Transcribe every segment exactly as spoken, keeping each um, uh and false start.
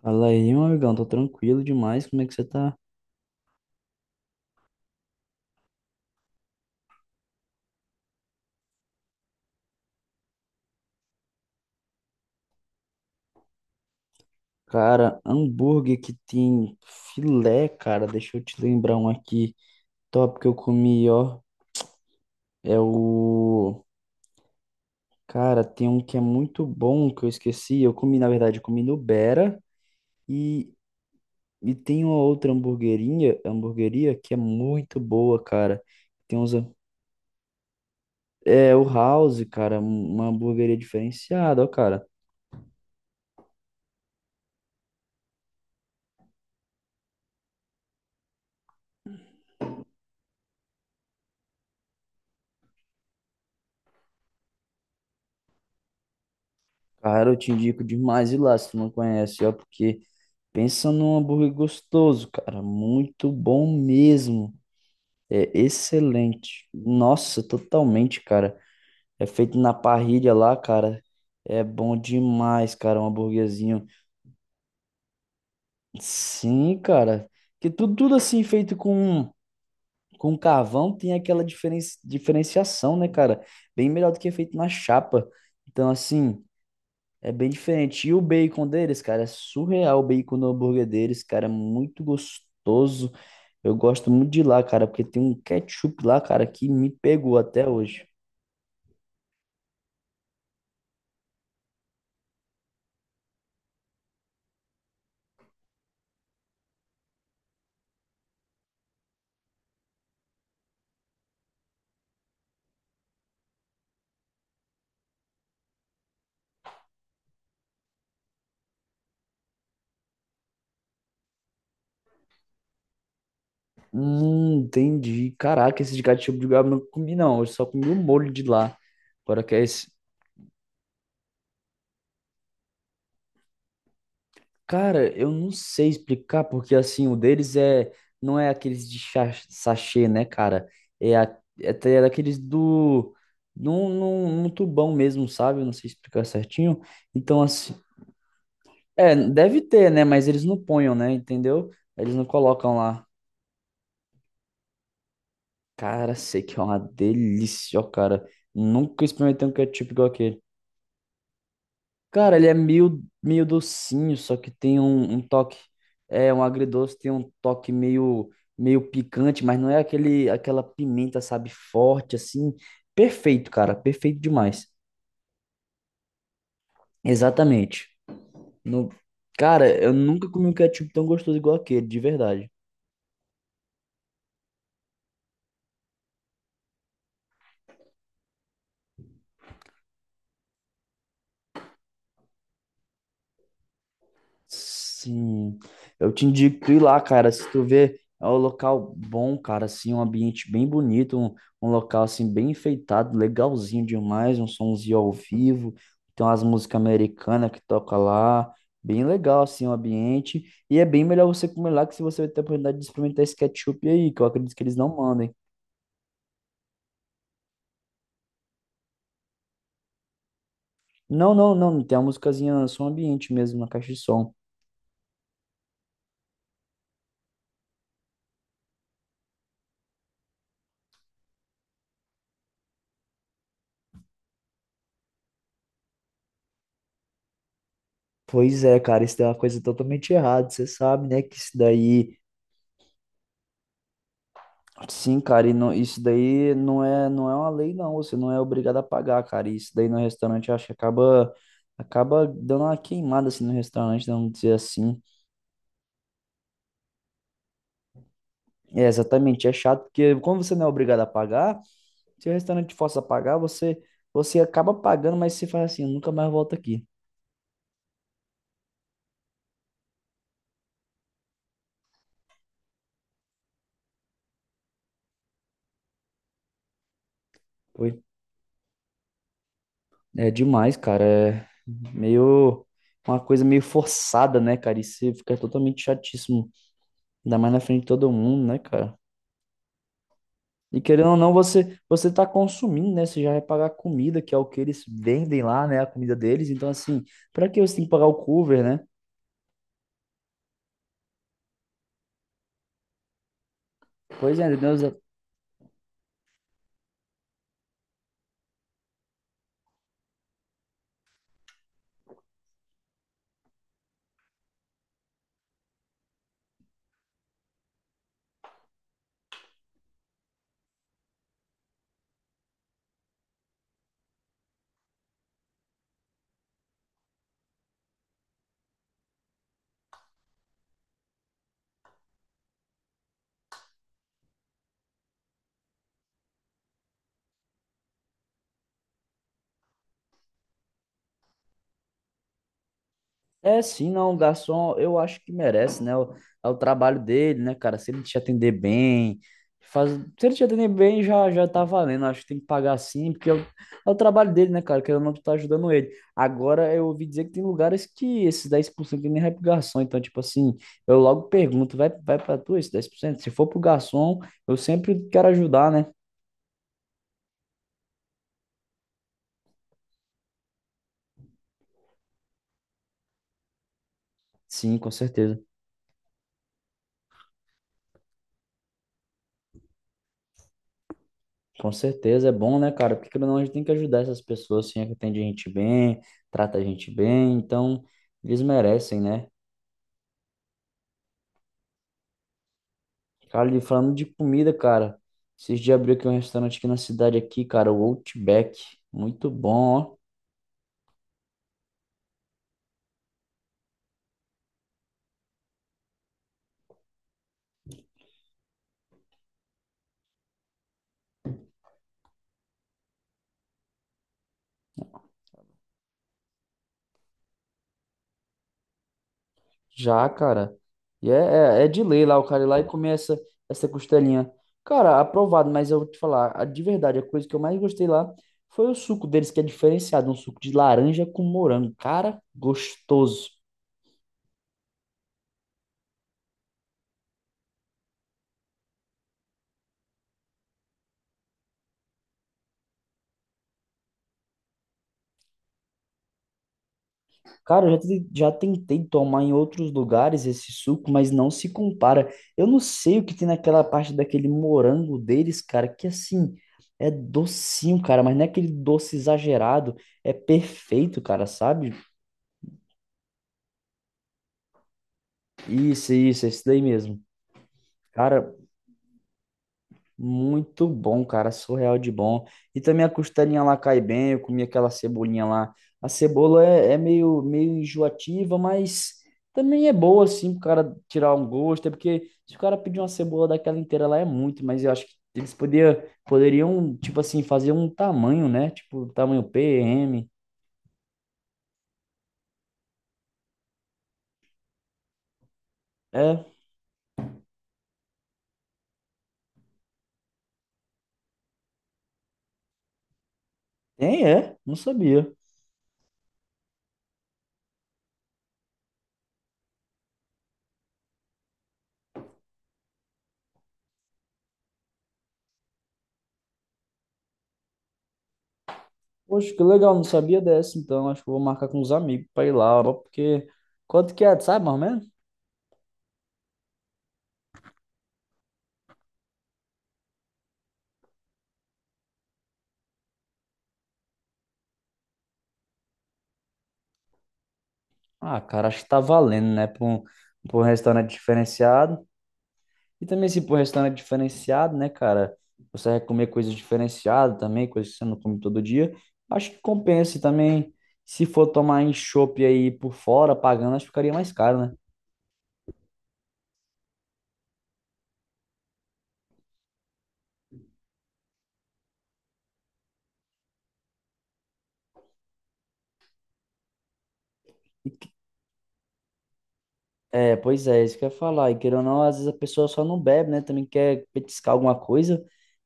Fala aí, meu amigão, tô tranquilo demais, como é que você tá? Cara, hambúrguer que tem filé, cara, deixa eu te lembrar um aqui top que eu comi, ó, é o... Cara, tem um que é muito bom que eu esqueci, eu comi, na verdade, eu comi no Bera e, e tem uma outra hamburguerinha, hamburgueria que é muito boa, cara, tem uns... É, o House, cara, uma hamburgueria diferenciada, ó, cara. Cara, eu te indico demais ir lá se tu não conhece, ó, porque... Pensa num hambúrguer gostoso, cara. Muito bom mesmo. É excelente. Nossa, totalmente, cara. É feito na parrilha lá, cara. É bom demais, cara, um hambúrguerzinho. Sim, cara. Que tudo, tudo assim feito com, com carvão tem aquela diferen, diferenciação, né, cara? Bem melhor do que é feito na chapa. Então, assim. É bem diferente. E o bacon deles, cara, é surreal o bacon no hambúrguer deles, cara, é muito gostoso. Eu gosto muito de lá, cara, porque tem um ketchup lá, cara, que me pegou até hoje. Hum, entendi. Caraca, esse de ketchup de goiaba eu não comi, não. Eu só comi o molho de lá. Agora que é cara, eu não sei explicar, porque assim, o deles é, não é aqueles de cha- sachê, né, cara? É, a, é, t- é daqueles do, num, num, num tubão mesmo, sabe? Eu não sei explicar certinho. Então, assim, é, deve ter, né? Mas eles não ponham, né? Entendeu? Eles não colocam lá. Cara, sei que é uma delícia, ó, cara. Nunca experimentei um ketchup igual aquele. Cara, ele é meio, meio docinho, só que tem um, um toque, é um agridoce, tem um toque meio, meio picante, mas não é aquele, aquela pimenta, sabe, forte assim. Perfeito, cara, perfeito demais. Exatamente. No, cara, eu nunca comi um ketchup tão gostoso igual aquele, de verdade. Sim, eu te indico ir lá, cara. Se tu vê, é um local bom, cara, assim, um ambiente bem bonito, um, um local assim bem enfeitado, legalzinho demais, um somzinho ao vivo, tem umas músicas americanas que toca lá, bem legal assim o ambiente, e é bem melhor você comer lá que se você vai ter a oportunidade de experimentar esse ketchup aí, que eu acredito que eles não mandem. Não, não, não, tem uma musicazinha som ambiente mesmo na caixa de som. Pois é, cara, isso daí é uma coisa totalmente errada. Você sabe, né, que isso daí... Sim, cara, e não- isso daí não é, não é uma lei, não. Você não é obrigado a pagar, cara. E isso daí no restaurante, eu acho que acaba, acaba dando uma queimada assim no restaurante, vamos dizer assim. É, exatamente, é chato, porque como você não é obrigado a pagar, se o restaurante te força a pagar, você, você acaba pagando, mas você fala assim, eu nunca mais volto aqui. Foi. É demais, cara. É meio uma coisa meio forçada, né, cara? Isso fica totalmente chatíssimo. Ainda mais na frente de todo mundo, né, cara? E querendo ou não, você você está consumindo, né? Você já vai pagar a comida, que é o que eles vendem lá, né? A comida deles. Então, assim, para que você tem que pagar o cover, né? Pois é, entendeu? É, sim, não, o garçom, eu acho que merece, né? O- É o trabalho dele, né, cara? Se ele te atender bem, faz... se ele te atender bem, já, já tá valendo. Acho que tem que pagar sim, porque é o, é o trabalho dele, né, cara? Que eu não tu tá ajudando ele. Agora, eu ouvi dizer que tem lugares que esses dez por cento nem vai pro garçom. Então, tipo assim, eu logo pergunto, vai, vai pra tu esse dez por cento. Se for pro garçom, eu sempre quero ajudar, né? Sim, com certeza. Com certeza, é bom, né, cara? Porque querendo ou não, a gente tem que ajudar essas pessoas, assim, é que atende a gente bem, trata a gente bem, então eles merecem, né? Cara, e falando de comida, cara, esses dias abriu aqui um restaurante aqui na cidade aqui, cara, o Outback, muito bom, ó, já, cara. E é, é, é de lei lá, o cara ir lá e comer essa, essa costelinha. Cara, aprovado, mas eu vou te falar, a- de verdade, a coisa que eu mais gostei lá foi o suco deles, que é diferenciado, um suco de laranja com morango, cara, gostoso. Cara, eu já, te- já tentei tomar em outros lugares esse suco, mas não se compara. Eu não sei o que tem naquela parte daquele morango deles, cara, que assim, é docinho, cara, mas não é aquele doce exagerado, é perfeito, cara, sabe? Isso, isso, esse daí mesmo. Cara, muito bom, cara, surreal de bom. E também a costelinha lá cai bem, eu comi aquela cebolinha lá. A cebola é, é meio, meio enjoativa, mas também é boa, assim, pro cara tirar um gosto. É porque se o cara pedir uma cebola daquela inteira lá é muito, mas eu acho que eles podia, poderiam, tipo assim, fazer um tamanho, né? Tipo, tamanho P M. É, tem, é, não sabia. Poxa, que legal, não sabia dessa, então. Acho que eu vou marcar com os amigos pra ir lá, ó, porque quanto que é, sabe, mais ou menos? Ah, cara, acho que tá valendo, né? Pra um, pra um restaurante diferenciado. E também, se pra um restaurante diferenciado, né, cara? Você vai comer coisas diferenciadas também, coisas que você não come todo dia. Acho que compensa. E também, se for tomar em chopp aí por fora, pagando, acho que ficaria mais caro, né? E que- é, pois é, isso que eu ia falar. E querendo ou não, às vezes a pessoa só não bebe, né? Também quer petiscar alguma coisa,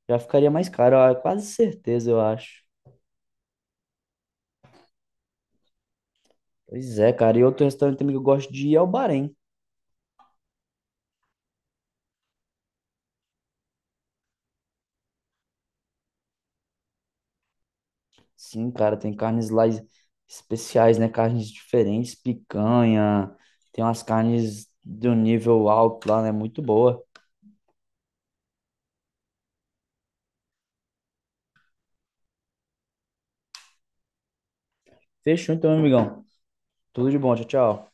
já ficaria mais caro. Ó, quase certeza, eu acho. Pois é, cara. E outro restaurante também que eu gosto de ir é o Bahrein. Sim, cara, tem carnes lá es- especiais, né? Carnes diferentes, picanha, tem umas carnes de um nível alto lá, né? Muito boa. Fechou então, meu amigão. Tudo de bom, tchau, tchau.